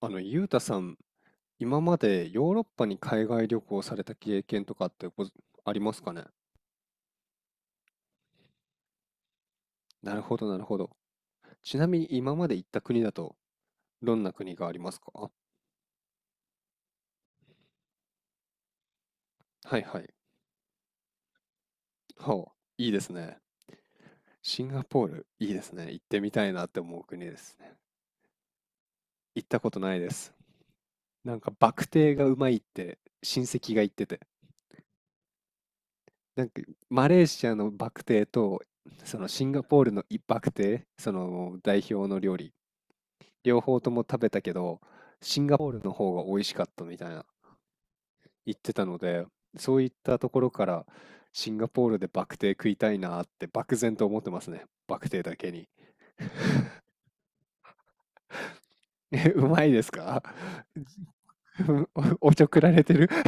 ゆうたさん、今までヨーロッパに海外旅行された経験とかってありますかね？なるほど、なるほど。ちなみに今まで行った国だと、どんな国がありますか？はいはい。ほう、いいですね。シンガポール、いいですね。行ってみたいなって思う国ですね。行ったことないです。なんか、バクテーがうまいって、親戚が言ってて。なんか、マレーシアのバクテーと、そのシンガポールのバクテー、その代表の料理、両方とも食べたけど、シンガポールの方が美味しかったみたいな言ってたので、そういったところからシンガポールでバクテー食いたいなって漠然と思ってますね。バクテーだけに。え、うまいですか？ おちょくられてる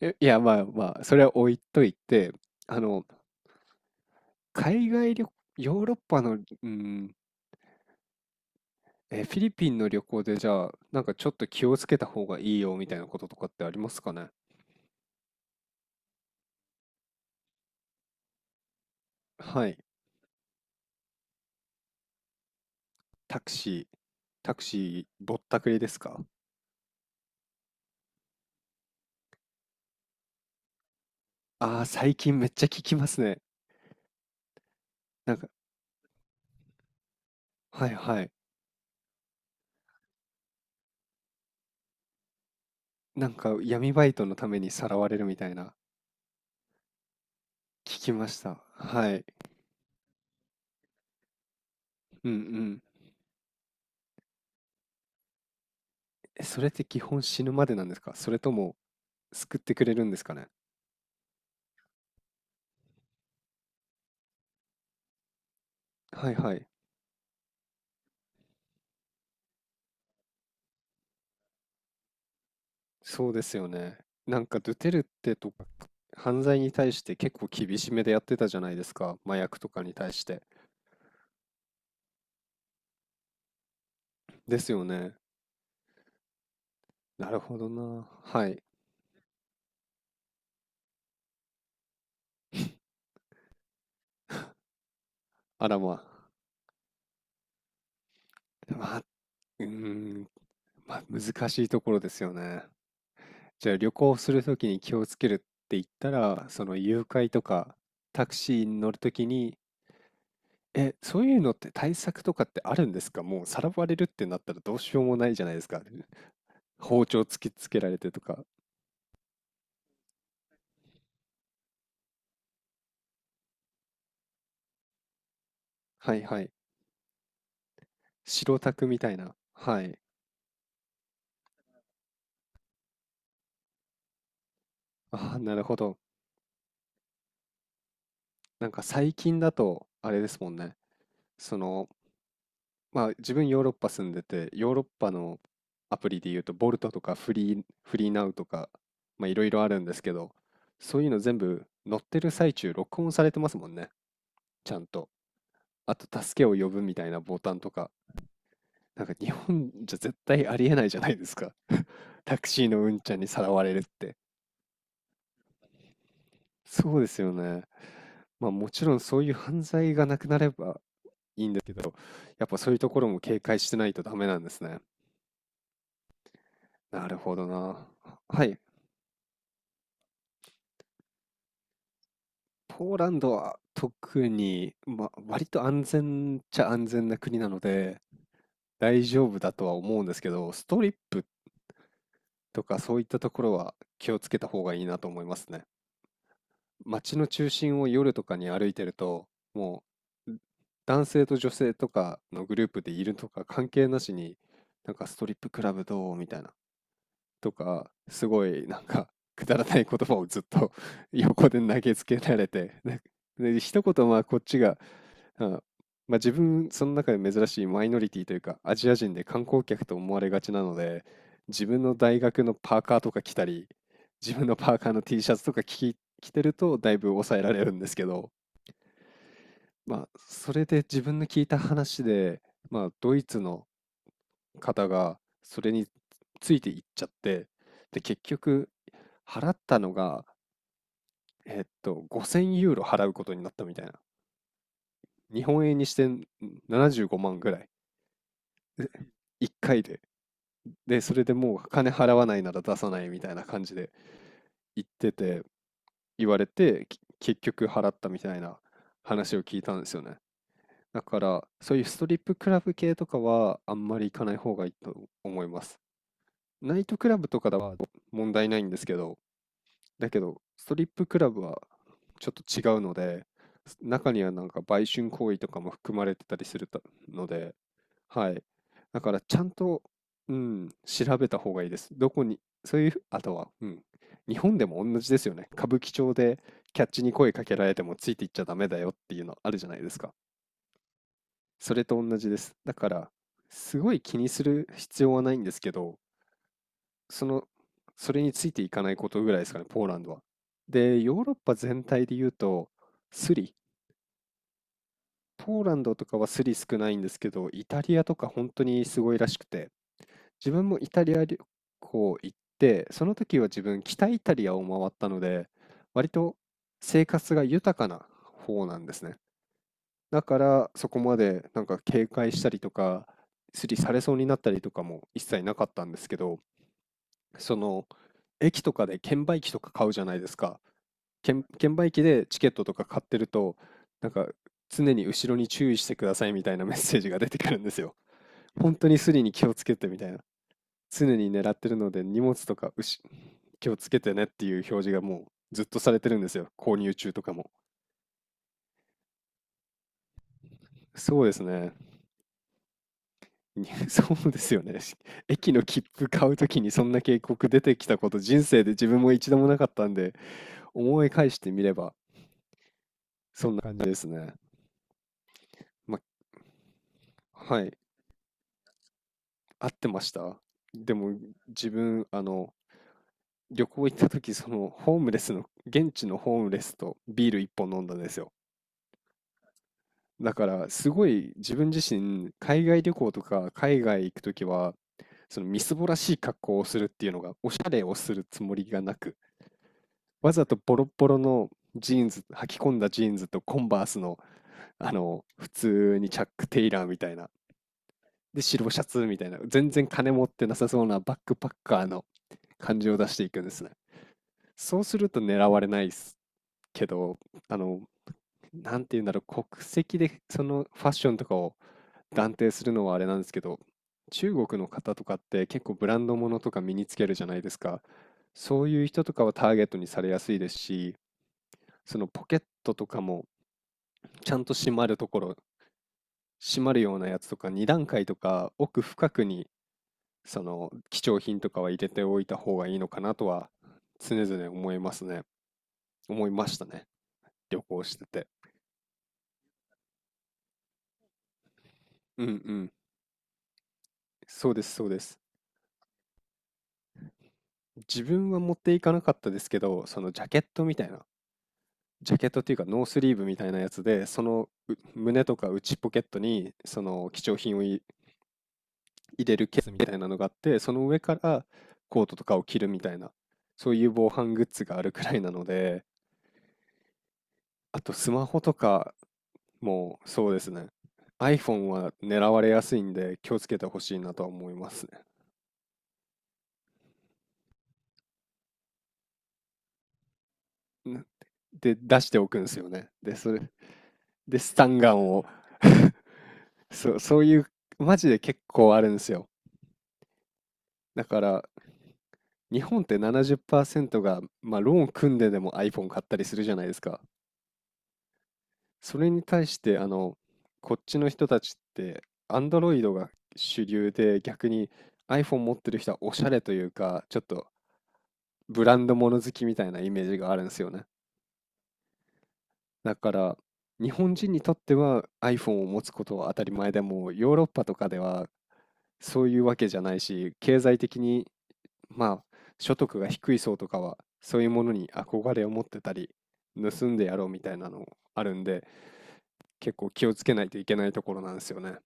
いや、まあまあ、それは置いといて、あの、海外旅、ヨーロッパの、フィリピンの旅行でじゃあ、なんかちょっと気をつけた方がいいよみたいなこととかってありますかね？はい。タクシー、タクシーぼったくりですか？ああー、最近めっちゃ聞きますね。なんか、はいはい。なんか闇バイトのためにさらわれるみたいな、聞きました。はい。うんうん。それって基本死ぬまでなんですか？それとも救ってくれるんですかね？はいはい。そうですよね。なんかドゥテルテとか犯罪に対して結構厳しめでやってたじゃないですか。麻薬とかに対して。ですよね。なるほどな。はい。あらまあ。まあ、うーん、まあ、難しいところですよね。じゃあ旅行するときに気をつけるって言ったら、その誘拐とかタクシーに乗るときに、そういうのって対策とかってあるんですか？もうさらわれるってなったらどうしようもないじゃないですか。包丁突きつけられてとか。はいはい。白タクみたいな。はい。ああ、なるほど。なんか最近だと、あれですもんね。その、まあ自分ヨーロッパ住んでて、ヨーロッパのアプリで言うと、ボルトとかフリーナウとか、まあいろいろあるんですけど、そういうの全部乗ってる最中録音されてますもんね。ちゃんと。あと助けを呼ぶみたいなボタンとか、なんか日本じゃ絶対ありえないじゃないですか。タクシーのうんちゃんにさらわれるって。そうですよね。まあもちろんそういう犯罪がなくなれば、やっぱそういうところも警戒してないとダメなんですね。なるほどな。はい。ポーランドは特に、まあ、割と安全っちゃ安全な国なので、大丈夫だとは思うんですけど、ストリップとかそういったところは気をつけた方がいいなと思いますね。街の中心を夜とかに歩いてると、もう、男性と女性とかのグループでいるとか関係なしに、なんかストリップクラブどうみたいな、とか、すごいなんか、くだらない言葉をずっと 横で投げつけられて、で一言まあこっちが、あまあ、自分、その中で珍しいマイノリティというか、アジア人で観光客と思われがちなので、自分の大学のパーカーとか着たり、自分のパーカーの T シャツとか着てると、だいぶ抑えられるんですけど、まあ、それで自分の聞いた話で、まあ、ドイツの方がそれについていっちゃって、で、結局払ったのが、5000ユーロ払うことになったみたいな。日本円にしてななじゅうごまん75万ぐらい。で1回で。で、それでもう金払わないなら出さないみたいな感じで言ってて、言われて、結局払ったみたいな話を聞いたんですよね。だから、そういうストリップクラブ系とかはあんまり行かない方がいいと思います。ナイトクラブとかだは問題ないんですけど、だけど、ストリップクラブはちょっと違うので、中にはなんか売春行為とかも含まれてたりするたので、はい。だからちゃんと、うん、調べた方がいいです。どこに、そういうあとは、うん、日本でも同じですよね。歌舞伎町でキャッチに声かけられてもついていっちゃダメだよっていうのあるじゃないですか。それと同じです。だから、すごい気にする必要はないんですけど、その、それについていかないことぐらいですかね、ポーランドは。で、ヨーロッパ全体で言うと、スリ、ポーランドとかはスリ少ないんですけど、イタリアとか本当にすごいらしくて、自分もイタリア旅行行って、その時は自分、北イタリアを回ったので、割と生活が豊かな方なんですね。だから、そこまでなんか警戒したりとか、スリされそうになったりとかも一切なかったんですけど、その駅とかで券売機とか買うじゃないですか。券売機でチケットとか買ってると、なんか常に後ろに注意してくださいみたいなメッセージが出てくるんですよ。本当にスリに気をつけてみたいな。常に狙ってるので荷物とか気をつけてねっていう表示がもうずっとされてるんですよ。購入中とかも。そうですね。そうですよね。駅の切符買うときにそんな警告出てきたこと人生で自分も一度もなかったんで、思い返してみればそんな感じですね。ま、はい、合ってました。でも、自分、旅行行った時、その、ホームレスの、現地のホームレスとビール一本飲んだんですよ。だから、すごい自分自身、海外旅行とか海外行く時は、そのみすぼらしい格好をするっていうのが、おしゃれをするつもりがなく、わざとボロッボロのジーンズ、履き込んだジーンズとコンバースの、普通にチャック・テイラーみたいな、で、白シャツみたいな、全然金持ってなさそうなバックパッカーの感じを出していくんですね。そうすると狙われないですけど、あの、なんて言うんだろう、国籍でそのファッションとかを断定するのはあれなんですけど、中国の方とかって結構ブランド物とか身につけるじゃないですか。そういう人とかはターゲットにされやすいですし、そのポケットとかもちゃんと閉まるところ、閉まるようなやつとか2段階とか奥深くにその貴重品とかは入れておいた方がいいのかなとは常々思いますね。思いましたね。旅行してて。うんうん。そうです、そうです。自分は持っていかなかったですけど、そのジャケットみたいな、ジャケットっていうかノースリーブみたいなやつで、そのう胸とか内ポケットにその貴重品を入れるケースみたいなのがあって、その上からコートとかを着るみたいな、そういう防犯グッズがあるくらいなので、あとスマホとかもうそうですね。iPhone は狙われやすいんで気をつけてほしいなとは思いますね。んで、出しておくんですよね。で、それ、で、スタンガンを そう、そういう、マジで結構あるんですよ。だから、日本って70%が、まあ、ローン組んででも iPhone 買ったりするじゃないですか。それに対して、こっちの人たちって、Android が主流で、逆に iPhone 持ってる人はおしゃれというか、ちょっとブランド物好きみたいなイメージがあるんですよね。だから、日本人にとっては iPhone を持つことは当たり前でも、ヨーロッパとかではそういうわけじゃないし、経済的に、まあ、所得が低い層とかは、そういうものに憧れを持ってたり、盗んでやろうみたいなのあるんで、結構気をつけないといけないところなんですよね。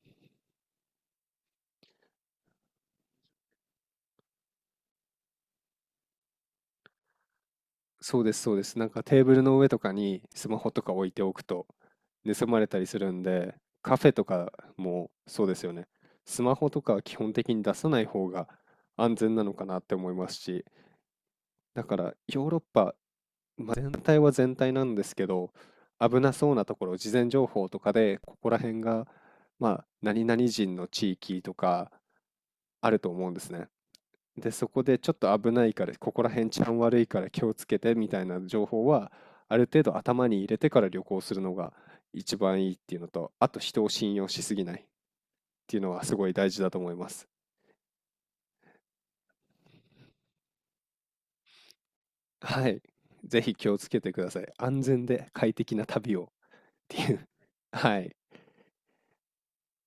そうです、そうです。なんかテーブルの上とかにスマホとか置いておくと盗まれたりするんで、カフェとかもそうですよね。スマホとかは基本的に出さない方が安全なのかなって思いますし、だからヨーロッパ、まあ、全体は全体なんですけど、危なそうなところ、事前情報とかで、ここら辺が、まあ、何々人の地域とかあると思うんですね。で、そこでちょっと危ないから、ここら辺治安悪いから気をつけてみたいな情報は、ある程度頭に入れてから旅行するのが一番いいっていうのと、あと人を信用しすぎないっていうのはすごい大事だと思います。はい。ぜひ気をつけてください。安全で快適な旅をっていう。はい。